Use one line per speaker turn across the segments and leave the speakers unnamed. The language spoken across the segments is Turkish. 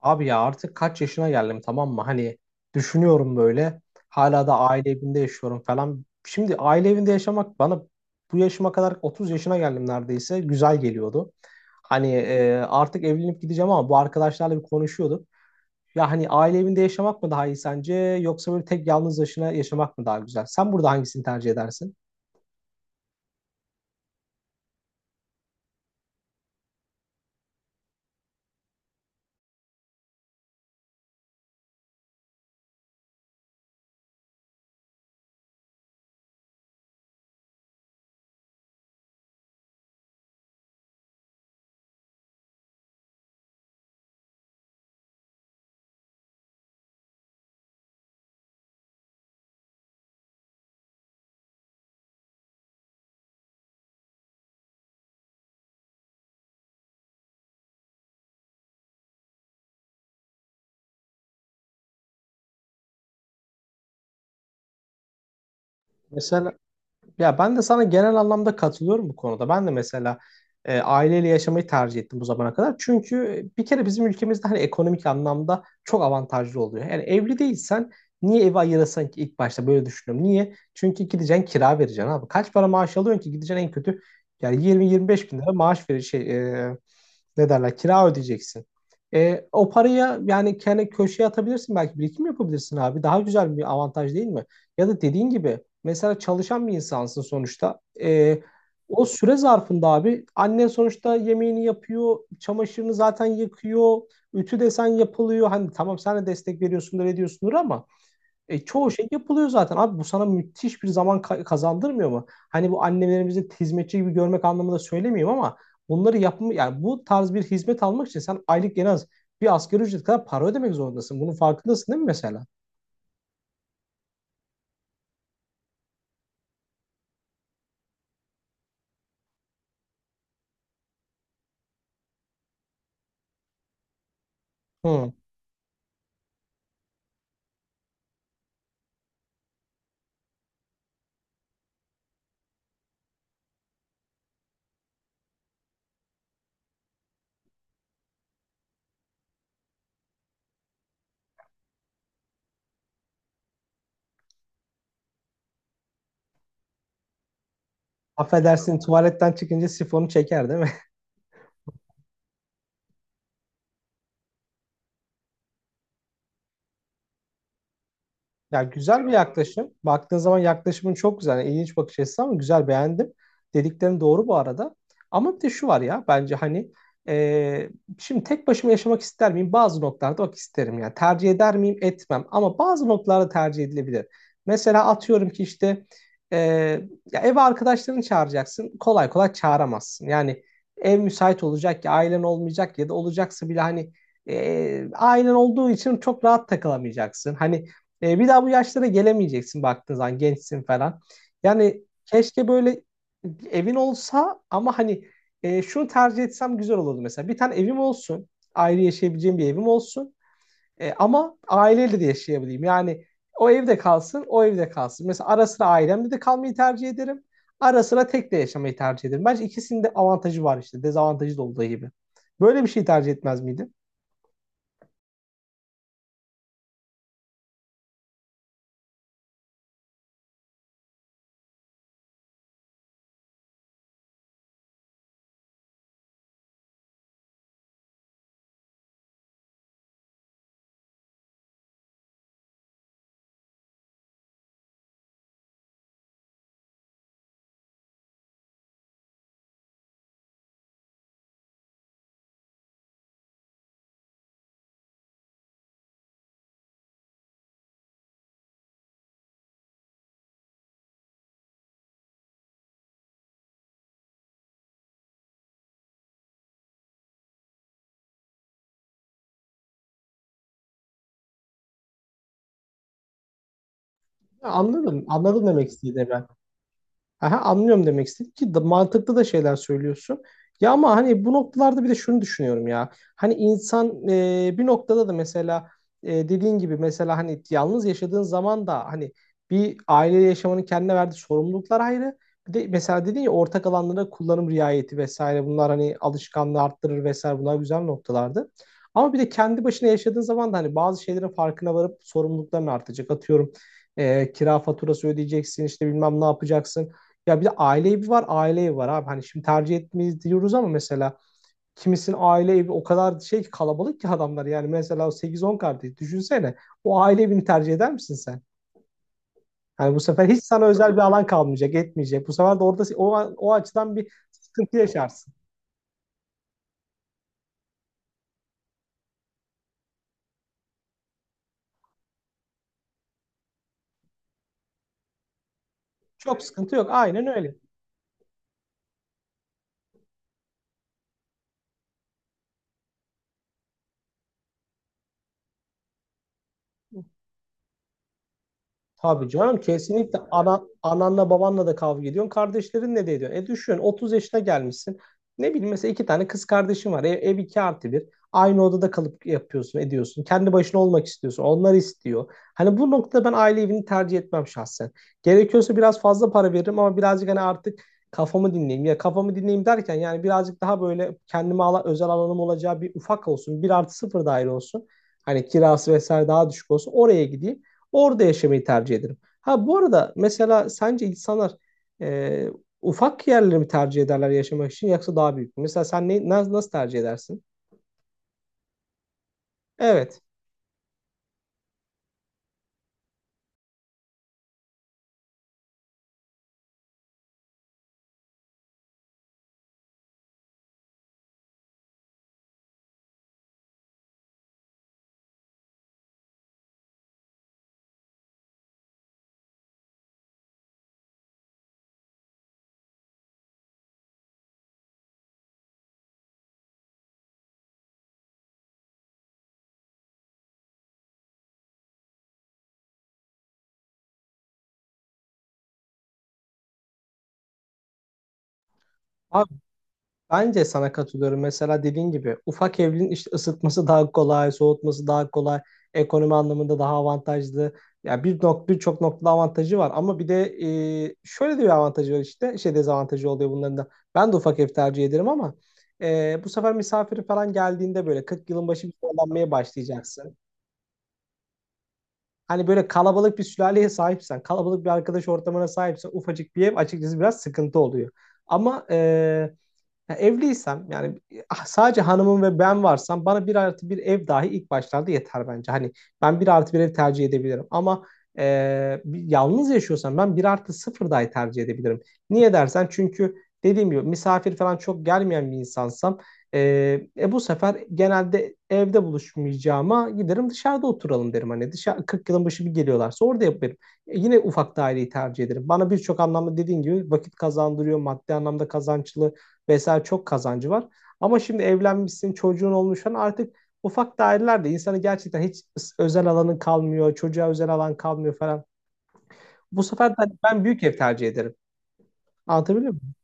Abi ya artık kaç yaşına geldim tamam mı? Hani düşünüyorum böyle. Hala da aile evinde yaşıyorum falan. Şimdi aile evinde yaşamak bana bu yaşıma kadar 30 yaşına geldim neredeyse. Güzel geliyordu. Hani artık evlenip gideceğim ama bu arkadaşlarla bir konuşuyorduk. Ya hani aile evinde yaşamak mı daha iyi sence yoksa böyle tek yalnız başına yaşamak mı daha güzel? Sen burada hangisini tercih edersin? Ya ben de sana genel anlamda katılıyorum bu konuda. Ben de mesela aileyle yaşamayı tercih ettim bu zamana kadar. Çünkü bir kere bizim ülkemizde hani ekonomik anlamda çok avantajlı oluyor. Yani evli değilsen niye evi ayırasın ki ilk başta böyle düşünüyorum. Niye? Çünkü gideceksin kira vereceksin abi. Kaç para maaş alıyorsun ki gideceksin en kötü yani 20-25 bin lira maaş verir şey e, ne derler kira ödeyeceksin. E, o paraya yani kendi köşeye atabilirsin belki birikim yapabilirsin abi. Daha güzel bir avantaj değil mi? Ya da dediğin gibi mesela çalışan bir insansın sonuçta. E, o süre zarfında abi annen sonuçta yemeğini yapıyor, çamaşırını zaten yıkıyor, ütü desen yapılıyor. Hani tamam sen de destek veriyorsundur ediyorsundur ama çoğu şey yapılıyor zaten. Abi bu sana müthiş bir zaman kazandırmıyor mu? Hani bu annelerimizi hizmetçi gibi görmek anlamında söylemiyorum ama bunları yapma yani bu tarz bir hizmet almak için sen aylık en az bir asgari ücret kadar para ödemek zorundasın. Bunun farkındasın değil mi mesela? Hı. Affedersin tuvaletten çıkınca sifonu çeker değil mi? Ya güzel bir yaklaşım. Baktığın zaman yaklaşımın çok güzel. Yani ilginç bakış açısı ama güzel beğendim. Dediklerin doğru bu arada. Ama bir de şu var ya bence hani e, şimdi tek başıma yaşamak ister miyim? Bazı noktalarda bak isterim yani. Tercih eder miyim? Etmem. Ama bazı noktalarda tercih edilebilir. Mesela atıyorum ki işte e, ya eve arkadaşlarını çağıracaksın. Kolay kolay çağıramazsın. Yani ev müsait olacak ya ailen olmayacak ya da olacaksa bile hani ailen olduğu için çok rahat takılamayacaksın. Hani bir daha bu yaşlara gelemeyeceksin baktığın zaman gençsin falan. Yani keşke böyle evin olsa ama hani şunu tercih etsem güzel olurdu mesela. Bir tane evim olsun. Ayrı yaşayabileceğim bir evim olsun. E, ama aileyle de yaşayabileyim. Yani o evde kalsın, o evde kalsın. Mesela ara sıra ailemle de kalmayı tercih ederim. Ara sıra tek de yaşamayı tercih ederim. Bence ikisinin de avantajı var işte. Dezavantajı da olduğu gibi. Böyle bir şey tercih etmez miydin? Ya anladım. Anladım demek istediğini ben. Aha, anlıyorum demek istedim ki mantıklı da şeyler söylüyorsun. Ya ama hani bu noktalarda bir de şunu düşünüyorum ya. Hani insan bir noktada da mesela dediğin gibi mesela hani yalnız yaşadığın zaman da hani bir aile yaşamanın kendine verdiği sorumluluklar ayrı. Bir de mesela dedin ya ortak alanlara kullanım riayeti vesaire bunlar hani alışkanlığı arttırır vesaire bunlar güzel noktalardı. Ama bir de kendi başına yaşadığın zaman da hani bazı şeylerin farkına varıp sorumlulukların artacak. Atıyorum kira faturası ödeyeceksin işte bilmem ne yapacaksın. Ya bir de aile evi var, aile evi var abi. Hani şimdi tercih etmeyiz diyoruz ama mesela kimisinin aile evi o kadar şey ki kalabalık ki adamlar. Yani mesela sekiz on kardeş düşünsene. O aile evini tercih eder misin sen? Yani bu sefer hiç sana özel bir alan kalmayacak, etmeyecek. Bu sefer de orada o açıdan bir sıkıntı yaşarsın. Çok sıkıntı yok. Aynen öyle. Tabii canım kesinlikle ananla babanla da kavga ediyorsun. Kardeşlerinle de ediyorsun. E düşün 30 yaşına gelmişsin. Ne bileyim mesela iki tane kız kardeşin var. Ev 2+1. Aynı odada kalıp yapıyorsun, ediyorsun. Kendi başına olmak istiyorsun. Onlar istiyor. Hani bu noktada ben aile evini tercih etmem şahsen. Gerekiyorsa biraz fazla para veririm ama birazcık hani artık kafamı dinleyeyim. Ya kafamı dinleyeyim derken yani birazcık daha böyle kendime özel alanım olacağı bir ufak olsun. 1+0 daire olsun. Hani kirası vesaire daha düşük olsun. Oraya gideyim. Orada yaşamayı tercih ederim. Ha bu arada mesela sence insanlar e, ufak yerleri mi tercih ederler yaşamak için yoksa daha büyük mü? Mesela sen nasıl tercih edersin? Evet. Bence sana katılıyorum. Mesela dediğin gibi ufak evlerin işte ısıtması daha kolay, soğutması daha kolay, ekonomi anlamında daha avantajlı. Ya birçok noktada avantajı var ama bir de şöyle de bir avantajı var işte. Şey dezavantajı oluyor bunların da. Ben de ufak ev tercih ederim ama bu sefer misafiri falan geldiğinde böyle 40 yılın başı bir zorlanmaya başlayacaksın. Hani böyle kalabalık bir sülaleye sahipsen, kalabalık bir arkadaş ortamına sahipsen ufacık bir ev açıkçası biraz sıkıntı oluyor. Ama ya evliysem yani sadece hanımım ve ben varsam bana 1+1 ev dahi ilk başlarda yeter bence. Hani ben 1+1 ev tercih edebilirim ama e, yalnız yaşıyorsam ben 1+0 dahi tercih edebilirim. Niye dersen çünkü dediğim gibi misafir falan çok gelmeyen bir insansam e, bu sefer genelde evde buluşmayacağıma giderim dışarıda oturalım derim. Hani dışarı 40 yılın başı bir geliyorlarsa orada yaparım. E, yine ufak daireyi tercih ederim. Bana birçok anlamda dediğin gibi vakit kazandırıyor, maddi anlamda kazançlı vesaire çok kazancı var. Ama şimdi evlenmişsin, çocuğun olmuş falan artık ufak dairelerde insanı gerçekten hiç özel alanın kalmıyor, çocuğa özel alan kalmıyor falan. Bu sefer de hani ben büyük ev tercih ederim. Anlatabiliyor muyum?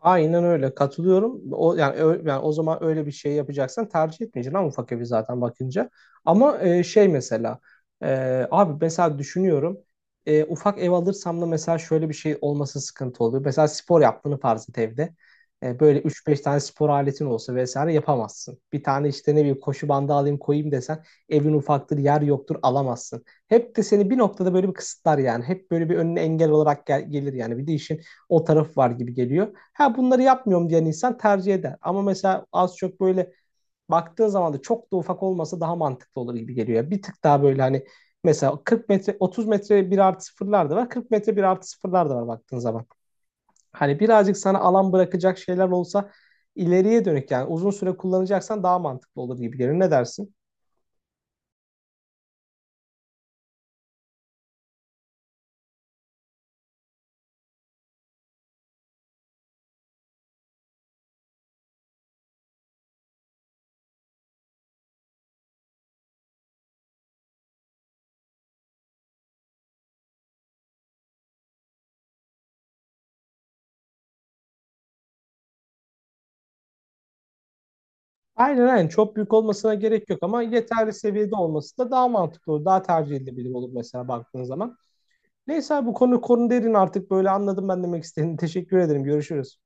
Aynen öyle katılıyorum. O yani yani o zaman öyle bir şey yapacaksan tercih etmeyeceksin ama ufak evi zaten bakınca. Ama şey mesela abi mesela düşünüyorum ufak ev alırsam da mesela şöyle bir şey olması sıkıntı oluyor. Mesela spor yaptığını farz et evde. E, böyle üç beş tane spor aletin olsa vesaire yapamazsın. Bir tane işte ne bileyim koşu bandı alayım koyayım desen evin ufaktır yer yoktur alamazsın. Hep de seni bir noktada böyle bir kısıtlar yani. Hep böyle bir önüne engel olarak gelir yani. Bir de işin o tarafı var gibi geliyor. Ha bunları yapmıyorum diyen insan tercih eder. Ama mesela az çok böyle baktığın zaman da çok da ufak olmasa daha mantıklı olur gibi geliyor. Bir tık daha böyle hani mesela 40 metre 30 metre 1+0'lar da var. 40 metre 1+0'lar da var baktığın zaman. Hani birazcık sana alan bırakacak şeyler olsa ileriye dönük yani uzun süre kullanacaksan daha mantıklı olur gibi geliyor. Ne dersin? Aynen aynen çok büyük olmasına gerek yok ama yeterli seviyede olması da daha mantıklı olur. Daha tercih edilebilir olur mesela baktığın zaman. Neyse abi bu konu konu derin artık böyle anladım ben demek istediğini. Teşekkür ederim. Görüşürüz.